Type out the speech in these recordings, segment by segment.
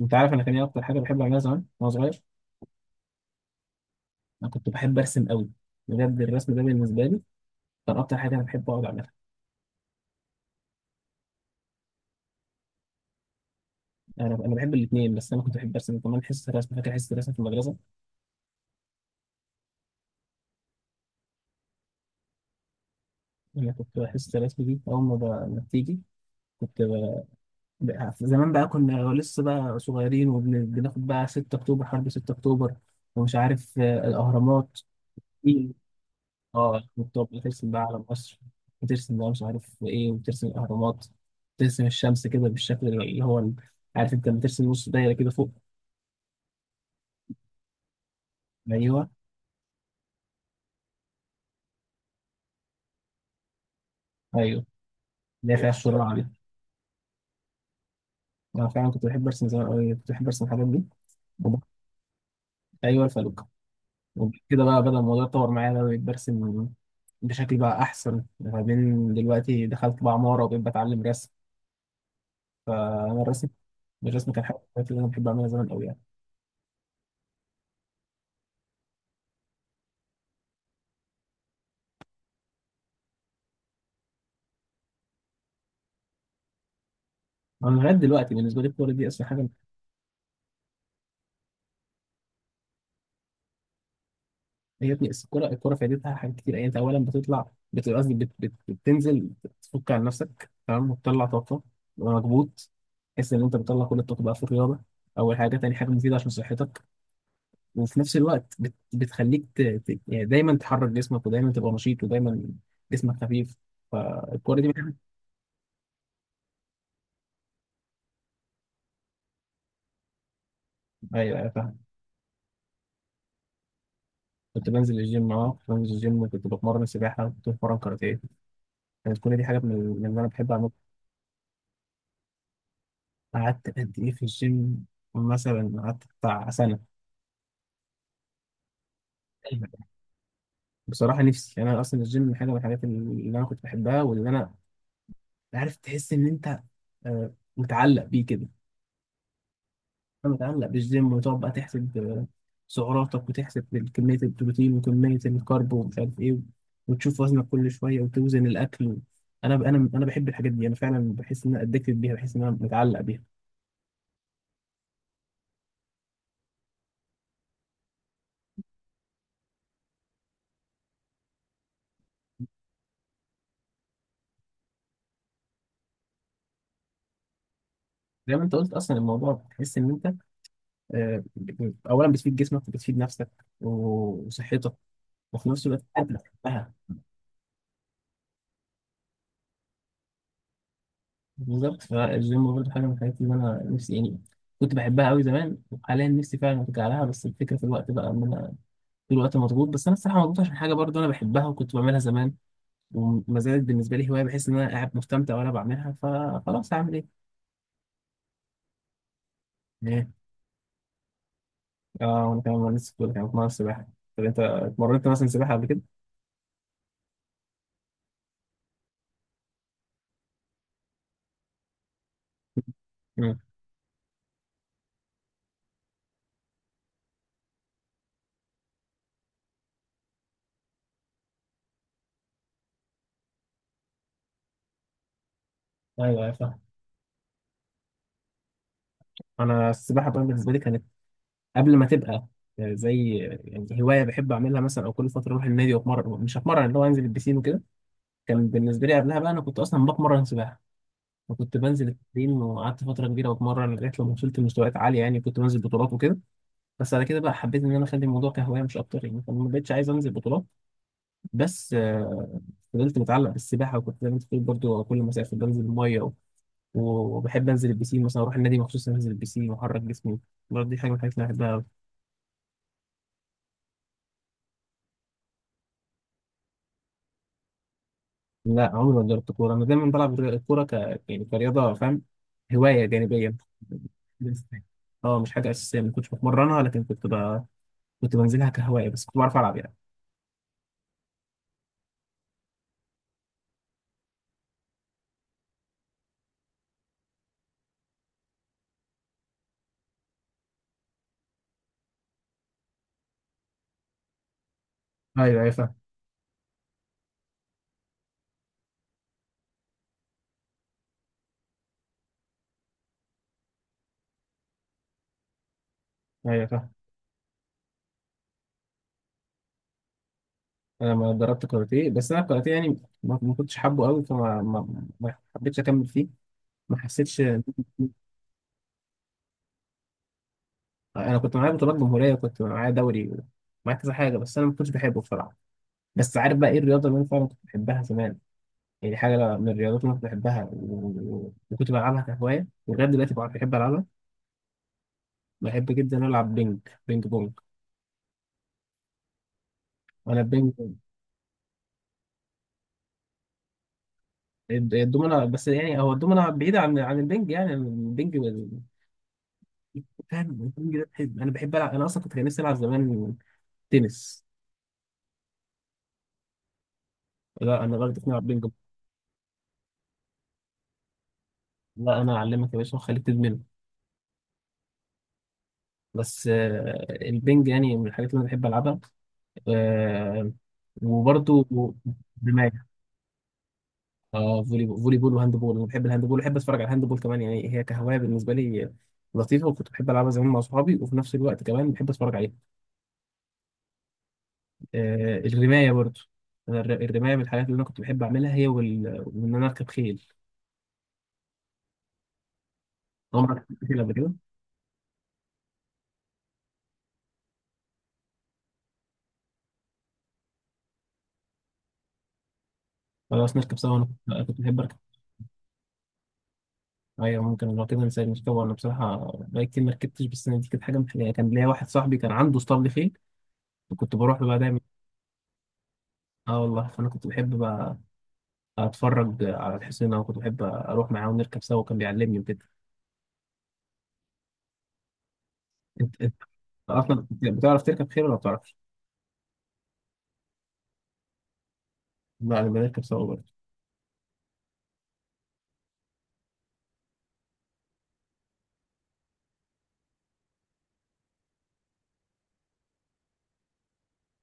انت عارف انا كان ايه اكتر حاجه بحب اعملها زمان وانا صغير. انا كنت بحب ارسم قوي. بجد الرسم ده بالنسبه لي كان اكتر حاجه انا بحب اقعد اعملها. انا بحب الاثنين، بس انا كنت بحب ارسم كمان. حصه الرسم، فاكر حصه الرسم في المدرسه؟ انا كنت حصه الرسم دي اول ما ما بتيجي كنت زمان بقى كنا لسه بقى صغيرين، وبناخد بقى 6 اكتوبر، حرب 6 اكتوبر، ومش عارف الاهرامات. اه، بتبقى بترسم بقى على مصر، بترسم بقى مش عارف ايه، وبترسم الاهرامات. بترسم الشمس كده بالشكل اللي هو عارف، انت بترسم نص دايره كده فوق. ايوه. ايوه، اللي هي فيها الشرع دي. انا فعلا كنت بحب ارسم زمان أوي، كنت بحب ارسم الحاجات دي. وب- ايوه الفلوكه. وبعد كده بقى بدأ الموضوع يتطور معايا بقى، بقيت برسم بشكل بقى احسن، ما بين دلوقتي دخلت بقى عماره وبقيت بتعلم رسم. فانا الرسم الرسم كان حاجه من الحاجات اللي انا بحب اعملها زمان قوي يعني. انا لغايه دلوقتي بالنسبه لي الكوره دي اصلا حاجه هي ابني. بس الكرة فايدتها حاجات كتير يعني. انت اولا بتطلع بتنزل تفك عن نفسك تمام وتطلع طاقة ومكبوت، تحس ان انت بتطلع كل الطاقة بقى في الرياضة. اول حاجة. تاني حاجة، مفيدة عشان صحتك. وفي نفس الوقت بتخليك يعني دايما تحرك جسمك، ودايما تبقى نشيط، ودايما جسمك خفيف. فالكرة دي بتحب. ايوه ايوه فاهم. كنت بنزل الجيم، اه كنت بنزل الجيم، وكنت بتمرن سباحة وكنت بتمرن كاراتيه. كانت كل دي حاجة من اللي انا بحب اعملها. قعدت قد ايه في الجيم؟ مثلا قعدت بتاع سنة. أيوة. بصراحه نفسي يعني، انا اصلا الجيم من حاجه من الحاجات اللي انا كنت بحبها، واللي انا عارف، تحس ان انت متعلق بيه كده. أنا متعلق بالجيم، وتقعد بقى تحسب سعراتك، وتحسب كميه البروتين وكميه الكارب ومش عارف ايه، وتشوف وزنك كل شويه وتوزن الاكل. انا بحب الحاجات دي، انا فعلا بحس ان انا ادكتد بيها، بحس ان انا متعلق بيها. زي ما انت قلت، اصلا الموضوع بتحس ان انت آه، اولا بتفيد جسمك، وبتفيد نفسك وصحتك. وفي نفس الوقت انت بتحبها. بالظبط. فالجيم برضه حاجة من الحاجات اللي أنا نفسي يعني كنت بحبها أوي زمان، وحاليا نفسي فعلا أرجع لها، بس الفكرة في الوقت بقى، إن أنا في الوقت مضغوط. بس أنا الصراحة مضغوط عشان حاجة برضه أنا بحبها وكنت بعملها زمان، وما زالت بالنسبة لي هواية، بحس إن أنا قاعد مستمتع وأنا بعملها، فخلاص هعمل إيه؟ إيه؟ آه، وأنا كمان لسه كنت كمان بتمرن سباحة. طب أنت اتمرنت مثلا سباحة قبل كده؟ امم. أيوه أيوه فاهم. أنا السباحة بقى بالنسبة لي كانت قبل ما تبقى زي يعني هواية بحب أعملها، مثلا أو كل فترة أروح النادي وأتمرن، مش هتمرن اللي هو أنزل البسين وكده. كان بالنسبه لي قبلها بقى انا كنت اصلا بتمرن سباحه، وكنت بنزل التمرين وقعدت فتره كبيره بتمرن، لغايه لما وصلت لمستويات عاليه يعني، كنت بنزل بطولات وكده. بس على كده بقى حبيت ان انا اخلي الموضوع كهوايه مش اكتر يعني، فما بقتش عايز انزل بطولات. بس فضلت متعلق بالسباحه، وكنت زي ما انت بتقول برضه، كل ما اسافر بنزل الميه وبحب انزل البسين، مثلا اروح النادي مخصوص انزل البسين واحرك جسمي. برضه دي حاجه من الحاجات اللي أنا بحبها أوي. لا، عمري ما جربت كورة. أنا دايما بلعب الكورة يعني كرياضة، فاهم، هواية جانبية بس. اه مش حاجة أساسية، ما كنتش بتمرنها، لكن كنت كنت بنزلها كهواية بس، كنت بعرف ألعب يعني. ايوه ايوه فاهم. ايوه فاهم. أنا ما دربت كاراتيه، بس أنا الكاراتيه يعني ما كنتش حابه قوي، فما ما... ما حبيتش أكمل فيه. ما حسيتش. أنا كنت معايا بطولات جمهورية، وكنت معايا دوري، ومعايا كذا حاجة، بس أنا ما كنتش بحبه بصراحة. بس عارف بقى إيه الرياضة اللي أنا فعلا كنت بحبها زمان؟ يعني حاجة من الرياضات اللي كنت بحبها، وكنت بلعبها كهواية، ولغاية دلوقتي بقى بحب ألعبها. بحب جدا ألعب بينج، بينج بونج. أنا البينج، الدومنة بس، يعني هو الدومنة بعيدة عن البينج يعني. البينج فاهم؟ البينج ده أنا بحب ألعب. أنا أصلا كنت نفسي ألعب زمان تنس. لا أنا برضه ألعب بينج. لا، أنا أعلمك يا باشا وأخليك تدمنه. بس البينج يعني من الحاجات اللي أنا بحب ألعبها. آه، وبرضه دماغ. اه، فولي بول، فولي بول وهاند بول. انا بحب الهاند بول، وبحب اتفرج على الهاند بول كمان، يعني هي كهوايه بالنسبه لي لطيفه، وكنت بحب العبها زمان مع اصحابي، وفي نفس الوقت كمان بحب اتفرج عليها. آه، الرمايه برضو. أنا الرمايه من الحاجات اللي انا كنت بحب اعملها، هي وان انا اركب خيل. عمرك ركبت خيل قبل كده؟ خلاص نركب سوا، انا أنا كنت بحب اركب. ايوه ممكن لو كده نسال نركب. انا بصراحه بقالي كتير ما ركبتش، بس أنا دي كانت حاجه من الحاجات. كان ليا واحد صاحبي كان عنده اسطبل خيل، وكنت بروح له بقى دايما. اه والله، فانا كنت بحب بقى اتفرج على الحسين، انا كنت بحب اروح معاه ونركب سوا وكان بيعلمني وكده. انت اصلا بتعرف تركب خيل ولا ما بتعرفش؟ لا انا بنركب سوا برضه.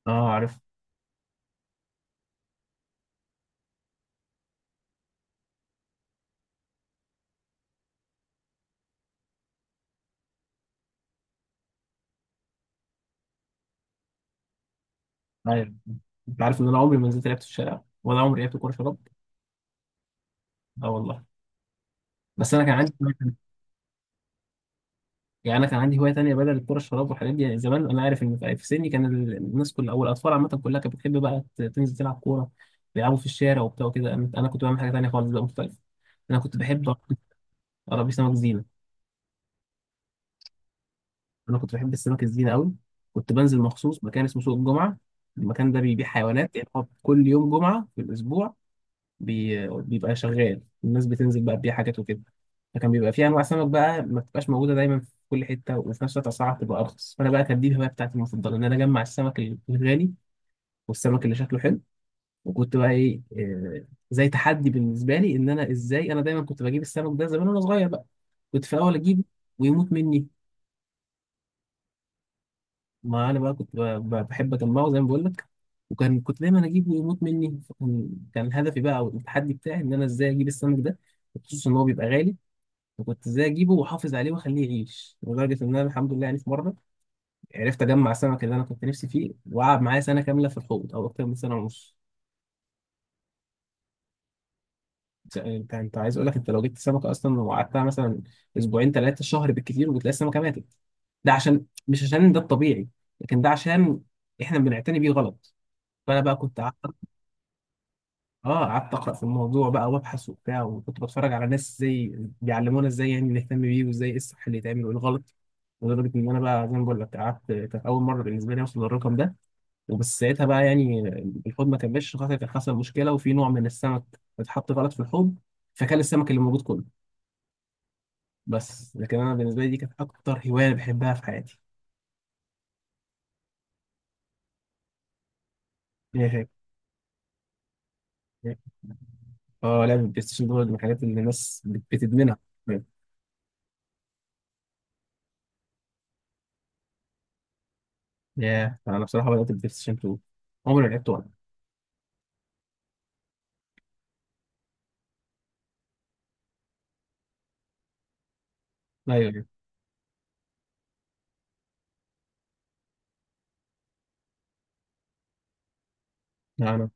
اه عارف، عارف. انت عارف ان انا عمري ما نزلت لعبت في الشارع، ولا عمري لعبت كوره شراب؟ اه والله. بس انا كان عندي، يعني انا كان عندي هوايه تانيه بدل الكوره الشراب والحاجات دي يعني. زمان انا عارف ان في سني كان الناس كلها، او الاطفال عامه كلها، كانت بتحب بقى تنزل تلعب كوره، بيلعبوا في الشارع وبتاع وكده. أنا كنت بعمل حاجه تانيه خالص بقى مختلفه. انا كنت بحب اربي سمك زينه. انا كنت بحب السمك الزينه قوي. كنت بنزل مخصوص مكان اسمه سوق الجمعه. المكان ده بيبيع حيوانات، يعني هو كل يوم جمعه في الاسبوع بيبقى شغال، الناس بتنزل بقى تبيع حاجات وكده. فكان بيبقى فيه انواع سمك بقى ما بتبقاش موجوده دايما في كل حته، وفي نفس الوقت اسعارها بتبقى ارخص. فانا بقى كانت دي الهوايه بتاعتي المفضله، ان انا اجمع السمك الغالي، والسمك اللي شكله حلو. وكنت بقى ايه، زي تحدي بالنسبه لي، ان انا ازاي، انا دايما كنت بجيب السمك ده زمان وانا صغير بقى، كنت في الاول اجيبه ويموت مني. ما انا بقى كنت بقى بحب اجمعه زي ما بقول لك. وكان كنت دايما اجيبه ويموت مني، فكان هدفي بقى او التحدي بتاعي، ان انا ازاي اجيب السمك ده، خصوصا ان هو بيبقى غالي، فكنت ازاي اجيبه واحافظ عليه واخليه يعيش. لدرجه ان انا الحمد لله، يعني في مره عرفت اجمع السمك اللي انا كنت نفسي فيه، وقعد معايا سنه كامله في الحوض، او اكتر من سنه ونص. انت عايز اقول لك، انت لو جبت سمكه اصلا وقعدتها مثلا اسبوعين ثلاثه شهر بالكثير، وبتلاقي السمكه ماتت، ده عشان، مش عشان ده الطبيعي، لكن ده عشان احنا بنعتني بيه غلط. فانا بقى كنت، اه، قعدت اقرا في الموضوع بقى وابحث وبتاع، وكنت بتفرج على ناس ازاي بيعلمونا، ازاي يعني نهتم بيه، وازاي ايه الصح اللي يتعمل وايه الغلط. لدرجه ان انا بقى، زي ما بقول لك، قعدت كانت اول مره بالنسبه لي اوصل للرقم ده. وبس ساعتها بقى يعني الحوض ما كملش، خاطر كان حصل مشكله، وفي نوع من السمك اتحط غلط في الحوض، فكان السمك اللي موجود كله. بس لكن انا بالنسبه لي دي كانت اكتر هوايه أنا بحبها في حياتي. إيه؟ هي؟ اه، لعب البلاي ستيشن دول من الحاجات اللي الناس بتدمنها. ياه، انا بصراحه بدات البلاي ستيشن 2، عمري ما لعبت ولا. ايوه أنا.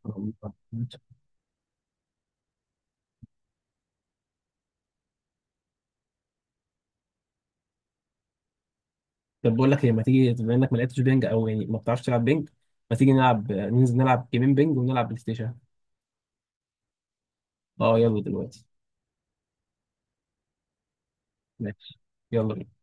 طب بقول لك إيه، ما تيجي، بما إنك ما لعبتش بينج، أو يعني ما بتعرفش تلعب بينج، ما تيجي نلعب، ننزل نلعب جيمين بينج ونلعب بلاي ستيشن؟ أه يلا دلوقتي. ماشي يلا بينا.